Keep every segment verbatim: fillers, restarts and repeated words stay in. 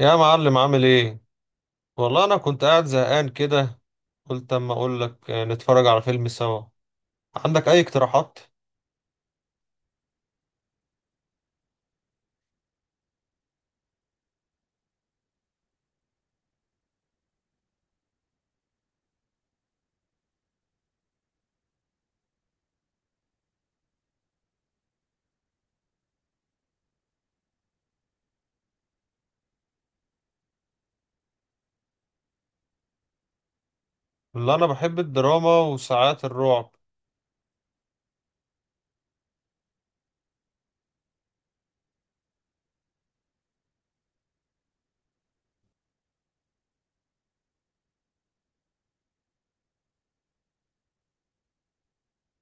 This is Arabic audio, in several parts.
يا معلم، عامل ايه؟ والله انا كنت قاعد زهقان كده. قلت اما اقول لك آه، نتفرج على فيلم سوا. عندك اي اقتراحات؟ اللي انا بحب الدراما وساعات الرعب.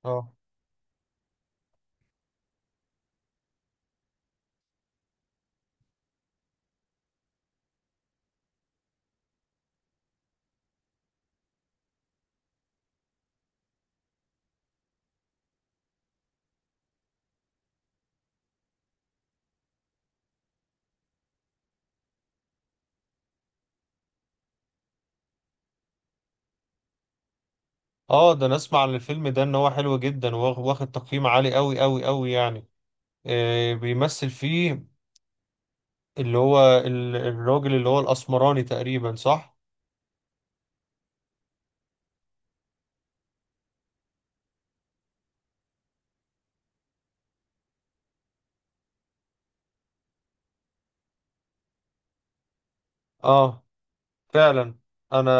اه. اه، ده انا اسمع عن الفيلم ده ان هو حلو جدا، واخ- واخد تقييم عالي قوي قوي قوي يعني. آه، بيمثل فيه اللي هو ال- الراجل اللي هو الاسمراني تقريبا، صح؟ اه، فعلا. انا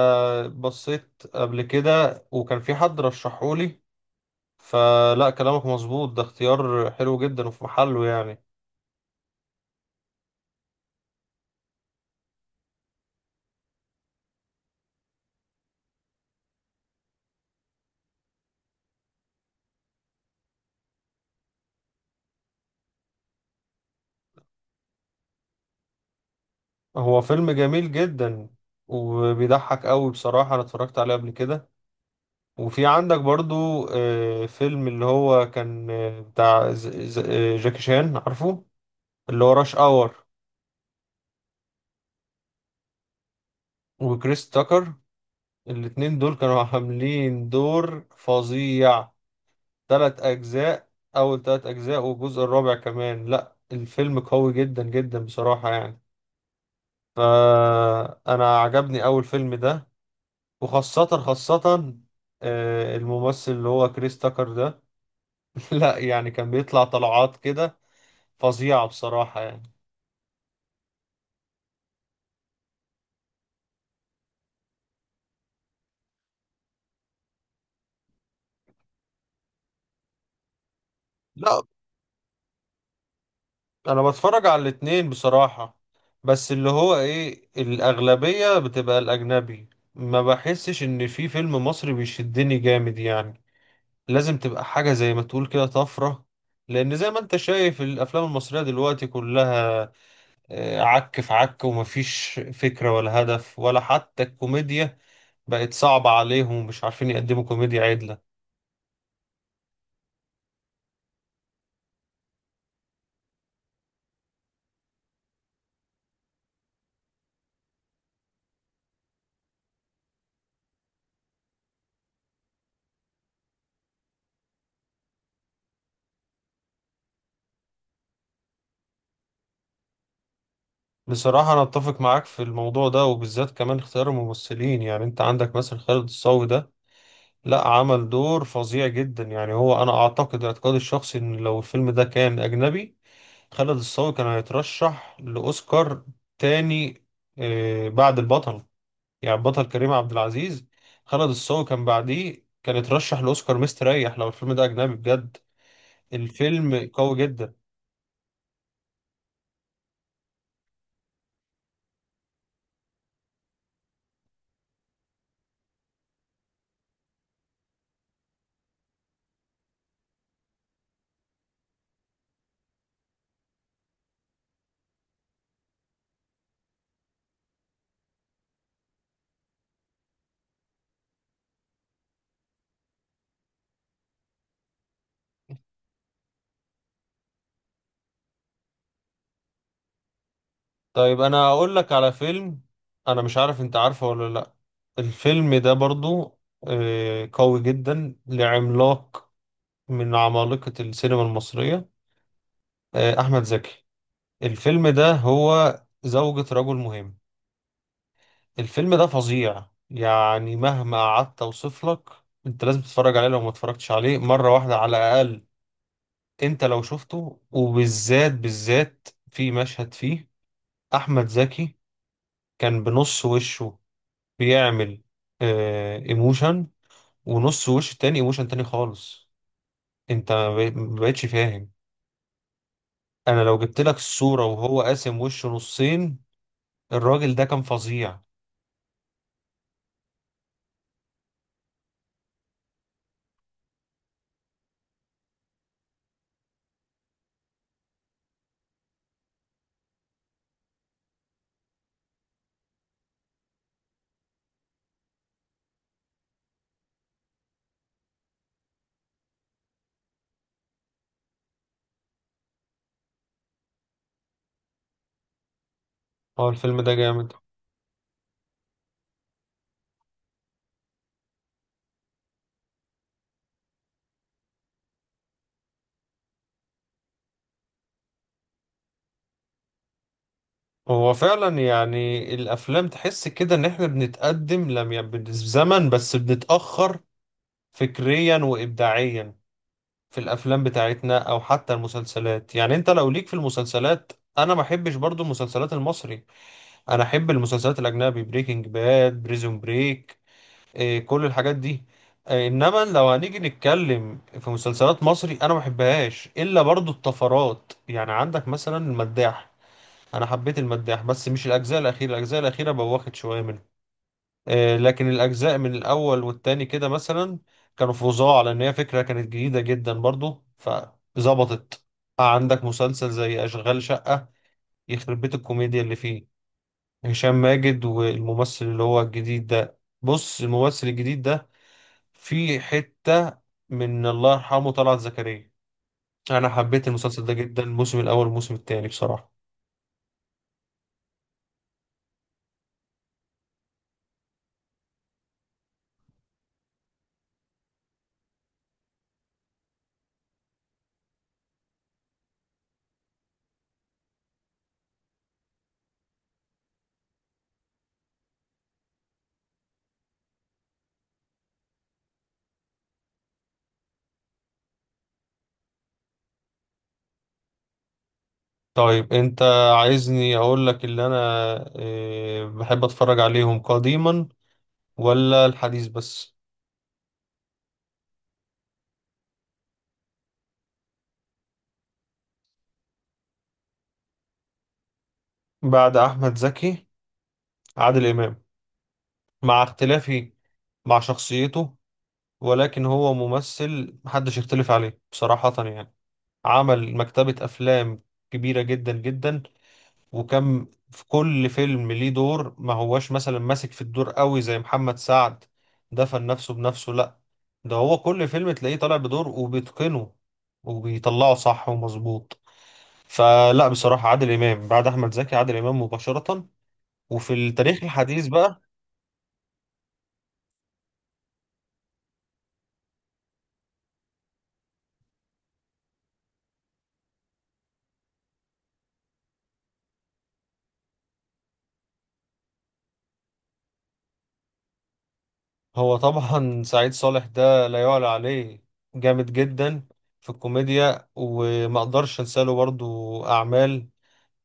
بصيت قبل كده وكان في حد رشحولي، فلا كلامك مظبوط، ده اختيار حلو جدا وفي محله يعني. هو فيلم جميل جدا وبيضحك قوي بصراحة، انا اتفرجت عليه قبل كده. وفي عندك برضو آه، فيلم اللي هو كان آه، بتاع ز- ز- آه، جاكي شان، عارفه؟ اللي هو راش اور وكريس تاكر. الاتنين دول كانوا عاملين دور فظيع. تلات اجزاء، اول تلات اجزاء والجزء الرابع كمان، لا الفيلم قوي جدا جدا بصراحة يعني. فأنا عجبني أول فيلم ده. وخاصة خاصة آه، الممثل اللي هو كريس تاكر ده، لا يعني كان بيطلع طلعات كده فظيعة بصراحة يعني. لا، أنا بتفرج على الاتنين بصراحة، بس اللي هو إيه، الأغلبية بتبقى الأجنبي. ما بحسش إن في فيلم مصري بيشدني جامد يعني، لازم تبقى حاجة زي ما تقول كده طفرة. لأن زي ما أنت شايف الأفلام المصرية دلوقتي كلها آه، عك في عك، ومفيش فكرة ولا هدف، ولا حتى الكوميديا بقت صعبة عليهم ومش عارفين يقدموا كوميديا عدلة. بصراحة أنا أتفق معاك في الموضوع ده، وبالذات كمان اختيار الممثلين. يعني أنت عندك مثلا خالد الصاوي ده، لا عمل دور فظيع جدا يعني. هو أنا أعتقد اعتقادي الشخصي إن لو الفيلم ده كان أجنبي، خالد الصاوي كان هيترشح لأوسكار تاني آه، بعد البطل، يعني بطل كريم عبد العزيز. خالد الصاوي كان بعديه، كان اترشح لاوسكار مستريح لو الفيلم ده اجنبي بجد. الفيلم قوي جدا. طيب انا اقول لك على فيلم، انا مش عارف انت عارفه ولا لا. الفيلم ده برضو آه، قوي جدا، لعملاق من عمالقة السينما المصرية، آه، احمد زكي. الفيلم ده هو زوجة رجل مهم. الفيلم ده فظيع يعني، مهما قعدت اوصف لك. انت لازم تتفرج عليه لو ما اتفرجتش عليه، مرة واحدة على الأقل. انت لو شفته، وبالذات بالذات في مشهد فيه احمد زكي كان بنص وشه بيعمل اه ايموشن، ونص وش تاني ايموشن تاني خالص. انت ما بق- ما بقتش فاهم. انا لو جبت لك الصورة وهو قاسم وشه نصين، الراجل ده كان فظيع. هو الفيلم ده جامد. هو فعلا يعني الافلام تحس كده ان احنا بنتقدم، لم يعني بالزمن، بس بنتأخر فكريا وابداعيا في الافلام بتاعتنا، او حتى المسلسلات. يعني انت لو ليك في المسلسلات، انا ما احبش برضو المسلسلات المصري، انا احب المسلسلات الاجنبي، بريكنج باد، بريزون بريك، إيه كل الحاجات دي. إيه، انما لو هنيجي نتكلم في مسلسلات مصري، انا ما بحبهاش الا برضو الطفرات. يعني عندك مثلا المداح، انا حبيت المداح بس مش الاجزاء الاخيره، الاجزاء الاخيره بوخت شويه منه، آه، لكن الأجزاء من الأول والتاني كده مثلا كانوا فظاع، لأن هي فكرة كانت جديدة جدا برضو فظبطت. عندك مسلسل زي أشغال شقة، يخرب بيت الكوميديا اللي فيه. هشام ماجد والممثل اللي هو الجديد ده، بص الممثل الجديد ده فيه حتة من الله يرحمه طلعت زكريا. أنا حبيت المسلسل ده جدا، الموسم الأول والموسم التاني بصراحة. طيب أنت عايزني أقول لك اللي أنا آه، بحب أتفرج عليهم قديما، ولا الحديث بس؟ بعد أحمد زكي، عادل إمام، مع اختلافي مع شخصيته، ولكن هو ممثل محدش يختلف عليه بصراحة يعني. عمل مكتبة أفلام كبيرة جدا جدا، وكم في كل فيلم ليه دور، ما هواش مثلا ماسك في الدور قوي زي محمد سعد، دفن نفسه بنفسه، لا ده هو كل فيلم تلاقيه طالع بدور وبيتقنه وبيطلعه صح ومظبوط. فلا بصراحة، عادل إمام بعد أحمد زكي، عادل إمام مباشرة. وفي التاريخ الحديث بقى، هو طبعا سعيد صالح ده لا يعلى عليه، جامد جدا في الكوميديا. وما اقدرش انسى له برضو اعمال،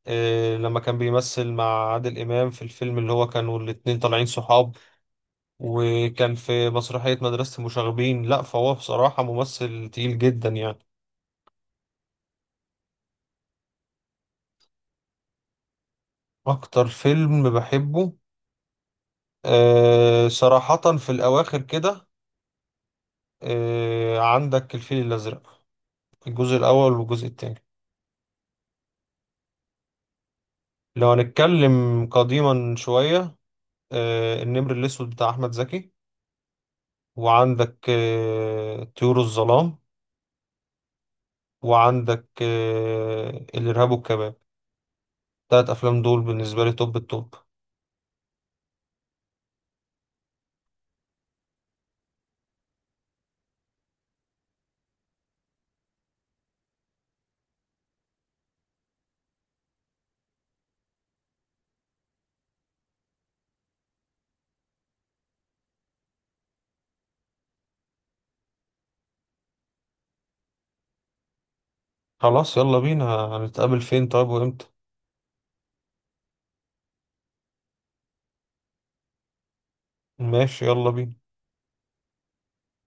آه، لما كان بيمثل مع عادل امام في الفيلم اللي هو كانوا الاتنين طالعين صحاب، وكان في مسرحية مدرسة المشاغبين. لا فهو بصراحة ممثل تقيل جدا يعني. اكتر فيلم بحبه، آه، صراحة في الاواخر كده، آه، عندك الفيل الازرق، الجزء الاول والجزء التاني. لو هنتكلم قديما شوية، آه، النمر الأسود بتاع أحمد زكي، وعندك آه، طيور الظلام، وعندك آه، الإرهاب والكباب. تلات أفلام دول بالنسبة لي توب التوب. خلاص يلا بينا، هنتقابل فين طيب وإمتى؟ ماشي يلا بينا.